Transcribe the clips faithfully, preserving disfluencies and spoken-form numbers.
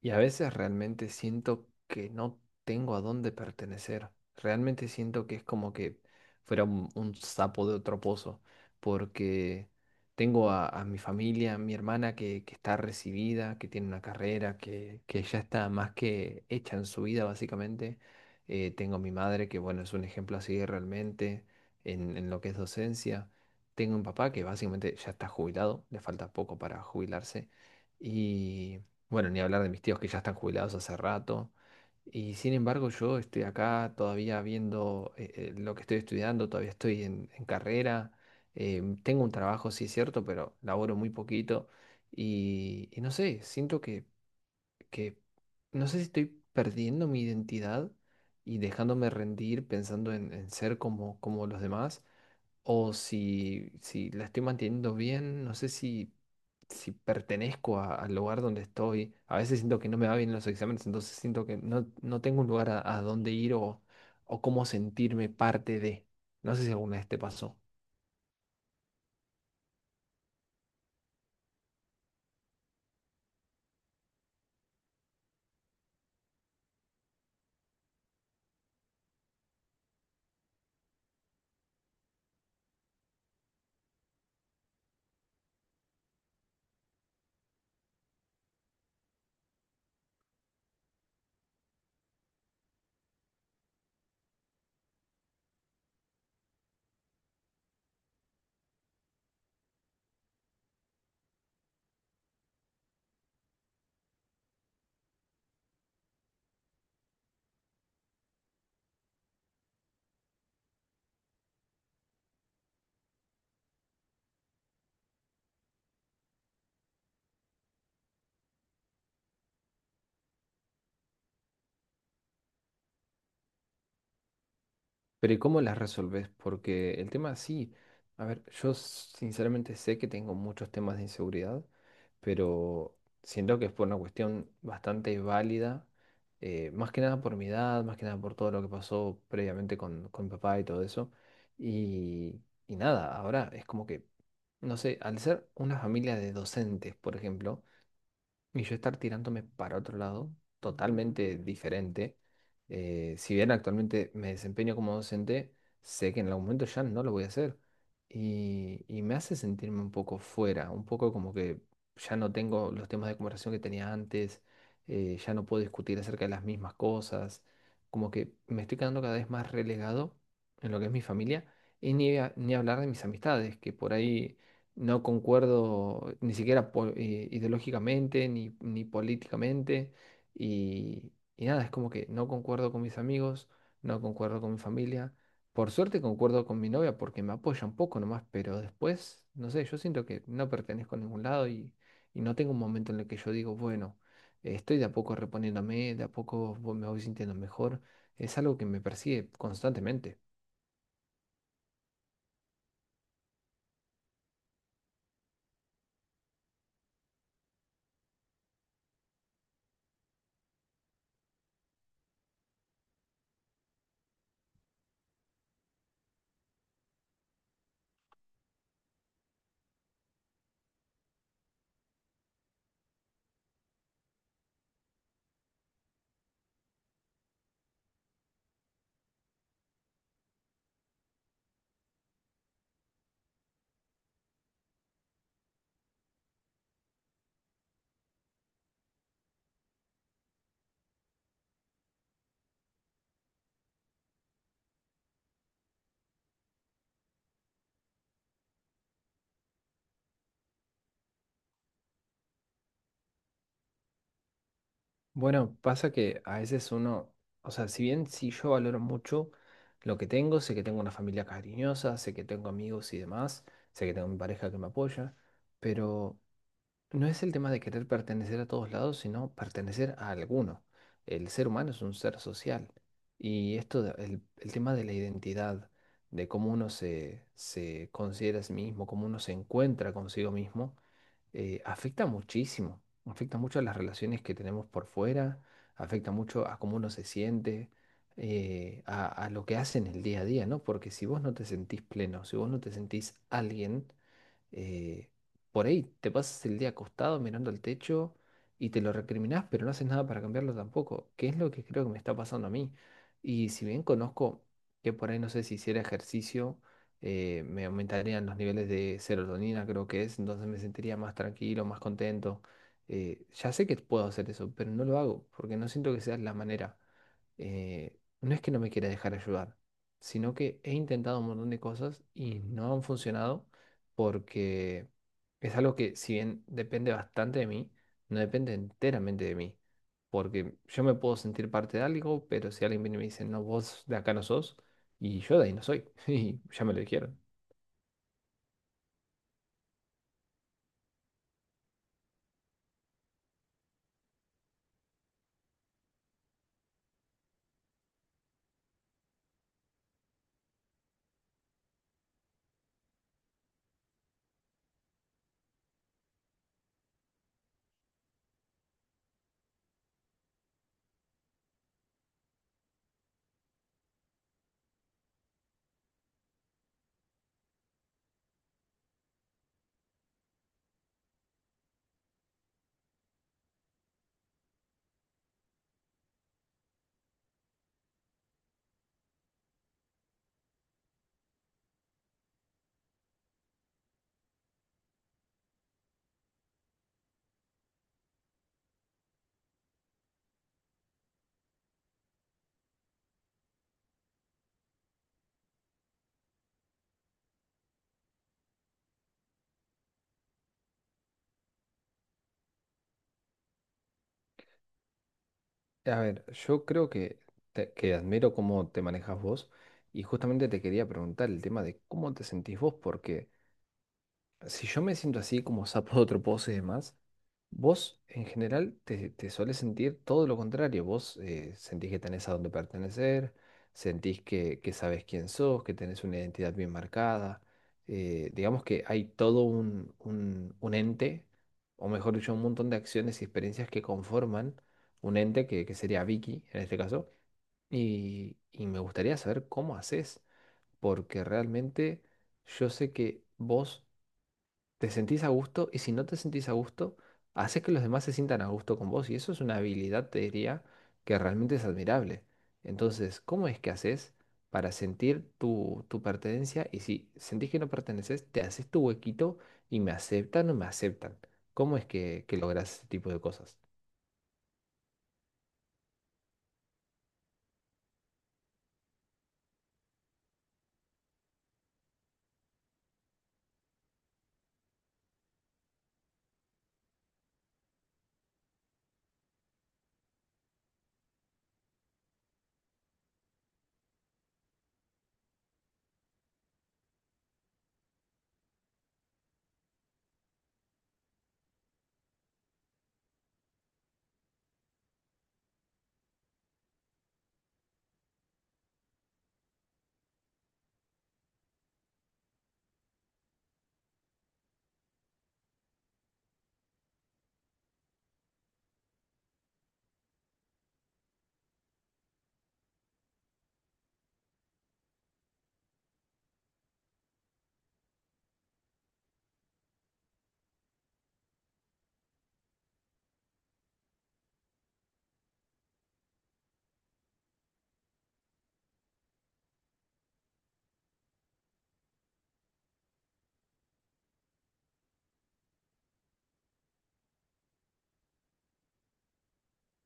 Y a veces realmente siento que no tengo a dónde pertenecer. Realmente siento que es como que fuera un, un sapo de otro pozo, porque tengo a, a mi familia, a mi hermana que, que está recibida, que tiene una carrera, que, que ya está más que hecha en su vida, básicamente. Eh, tengo a mi madre, que bueno, es un ejemplo así realmente en, en lo que es docencia. Tengo un papá que básicamente ya está jubilado, le falta poco para jubilarse. Y bueno, ni hablar de mis tíos que ya están jubilados hace rato. Y sin embargo, yo estoy acá todavía viendo eh, eh, lo que estoy estudiando, todavía estoy en, en carrera. Eh, tengo un trabajo, sí es cierto, pero laboro muy poquito. Y, y no sé, siento que, que no sé si estoy perdiendo mi identidad y dejándome rendir pensando en, en ser como, como los demás o si, si la estoy manteniendo bien, no sé si, si pertenezco a- al lugar donde estoy. A veces siento que no me va bien en los exámenes, entonces siento que no, no tengo un lugar a, a dónde ir o, o cómo sentirme parte de. No sé si alguna vez te pasó. Pero ¿y cómo las resolves? Porque el tema sí. A ver, yo sinceramente sé que tengo muchos temas de inseguridad, pero siento que es por una cuestión bastante válida, eh, más que nada por mi edad, más que nada por todo lo que pasó previamente con, con mi papá y todo eso. Y, y nada, ahora es como que, no sé, al ser una familia de docentes, por ejemplo, y yo estar tirándome para otro lado, totalmente diferente. Eh, si bien actualmente me desempeño como docente, sé que en algún momento ya no lo voy a hacer. Y, y me hace sentirme un poco fuera, un poco como que ya no tengo los temas de conversación que tenía antes, eh, ya no puedo discutir acerca de las mismas cosas, como que me estoy quedando cada vez más relegado en lo que es mi familia y ni, a- ni hablar de mis amistades, que por ahí no concuerdo ni siquiera po- eh, ideológicamente ni, ni políticamente. Y, y nada, es como que no concuerdo con mis amigos, no concuerdo con mi familia. Por suerte concuerdo con mi novia porque me apoya un poco nomás, pero después, no sé, yo siento que no pertenezco a ningún lado y, y no tengo un momento en el que yo digo, bueno, eh, estoy de a poco reponiéndome, de a poco vo- me voy sintiendo mejor. Es algo que me persigue constantemente. Bueno, pasa que a veces uno, o sea, si bien sí yo valoro mucho lo que tengo, sé que tengo una familia cariñosa, sé que tengo amigos y demás, sé que tengo mi pareja que me apoya, pero no es el tema de querer pertenecer a todos lados, sino pertenecer a alguno. El ser humano es un ser social y esto, de- el, el tema de la identidad, de cómo uno se, se considera a sí mismo, cómo uno se encuentra consigo mismo, eh, afecta muchísimo. Afecta mucho a las relaciones que tenemos por fuera, afecta mucho a cómo uno se siente, eh, a, a lo que hace en el día a día, ¿no? Porque si vos no te sentís pleno, si vos no te sentís alguien, eh, por ahí te pasas el día acostado mirando al techo y te lo recriminás, pero no haces nada para cambiarlo tampoco, que es lo que creo que me está pasando a mí. Y si bien conozco que por ahí no sé si hiciera ejercicio, eh, me aumentarían los niveles de serotonina, creo que es, entonces me sentiría más tranquilo, más contento. Eh, ya sé que puedo hacer eso, pero no lo hago porque no siento que sea la manera. Eh, no es que no me quiera dejar ayudar, sino que he intentado un montón de cosas y no han funcionado porque es algo que si bien depende bastante de mí, no depende enteramente de mí, porque yo me puedo sentir parte de algo, pero si alguien viene y me dice, no, vos de acá no sos, y yo de ahí no soy, y ya me lo dijeron. A ver, yo creo que, te- que admiro cómo te manejas vos, y justamente te quería preguntar el tema de cómo te sentís vos, porque si yo me siento así como sapo de otro pozo y demás, vos en general te, te solés sentir todo lo contrario. Vos eh, sentís que tenés a dónde pertenecer, sentís que, que sabés quién sos, que tenés una identidad bien marcada. Eh, digamos que hay todo un, un, un ente, o mejor dicho, un montón de acciones y experiencias que conforman un ente que, que sería Vicky en este caso. Y, y me gustaría saber cómo haces, porque realmente yo sé que vos te sentís a gusto y si no te sentís a gusto, haces que los demás se sientan a gusto con vos y eso es una habilidad, te diría, que realmente es admirable. Entonces, ¿cómo es que haces para sentir tu, tu pertenencia? Y si sentís que no perteneces, te haces tu huequito y me aceptan o me aceptan. ¿Cómo es que, que logras ese tipo de cosas?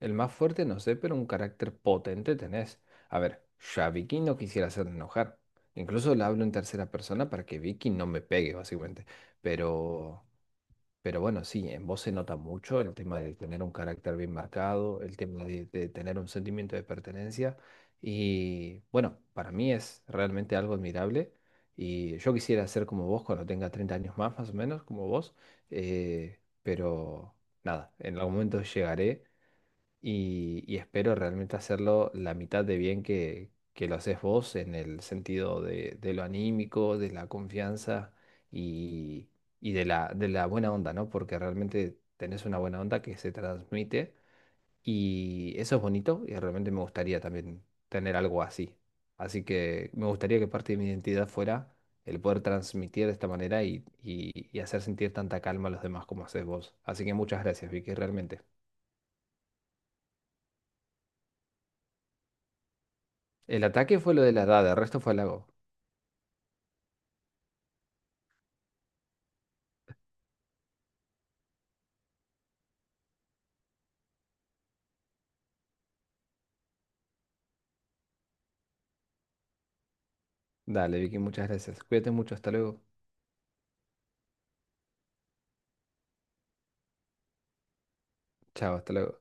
El más fuerte, no sé, pero un carácter potente tenés. A ver, yo a Vicky no quisiera hacerla enojar. Incluso le hablo en tercera persona para que Vicky no me pegue, básicamente. Pero Pero bueno, sí, en vos se nota mucho el tema de tener un carácter bien marcado, el tema de, de tener un sentimiento de pertenencia. Y bueno, para mí es realmente algo admirable. Y yo quisiera ser como vos cuando tenga treinta años más, más o menos, como vos. eh, pero nada, en algún momento llegaré y, y espero realmente hacerlo la mitad de bien que, que lo haces vos en el sentido de, de lo anímico, de la confianza y, y de la, de la buena onda, ¿no? Porque realmente tenés una buena onda que se transmite y eso es bonito y realmente me gustaría también tener algo así. Así que me gustaría que parte de mi identidad fuera el poder transmitir de esta manera y, y y hacer sentir tanta calma a los demás como haces vos. Así que muchas gracias, Vicky, realmente. El ataque fue lo de la edad, el resto fue halago. Dale, Vicky, muchas gracias. Cuídate mucho, hasta luego. Chao, hasta luego.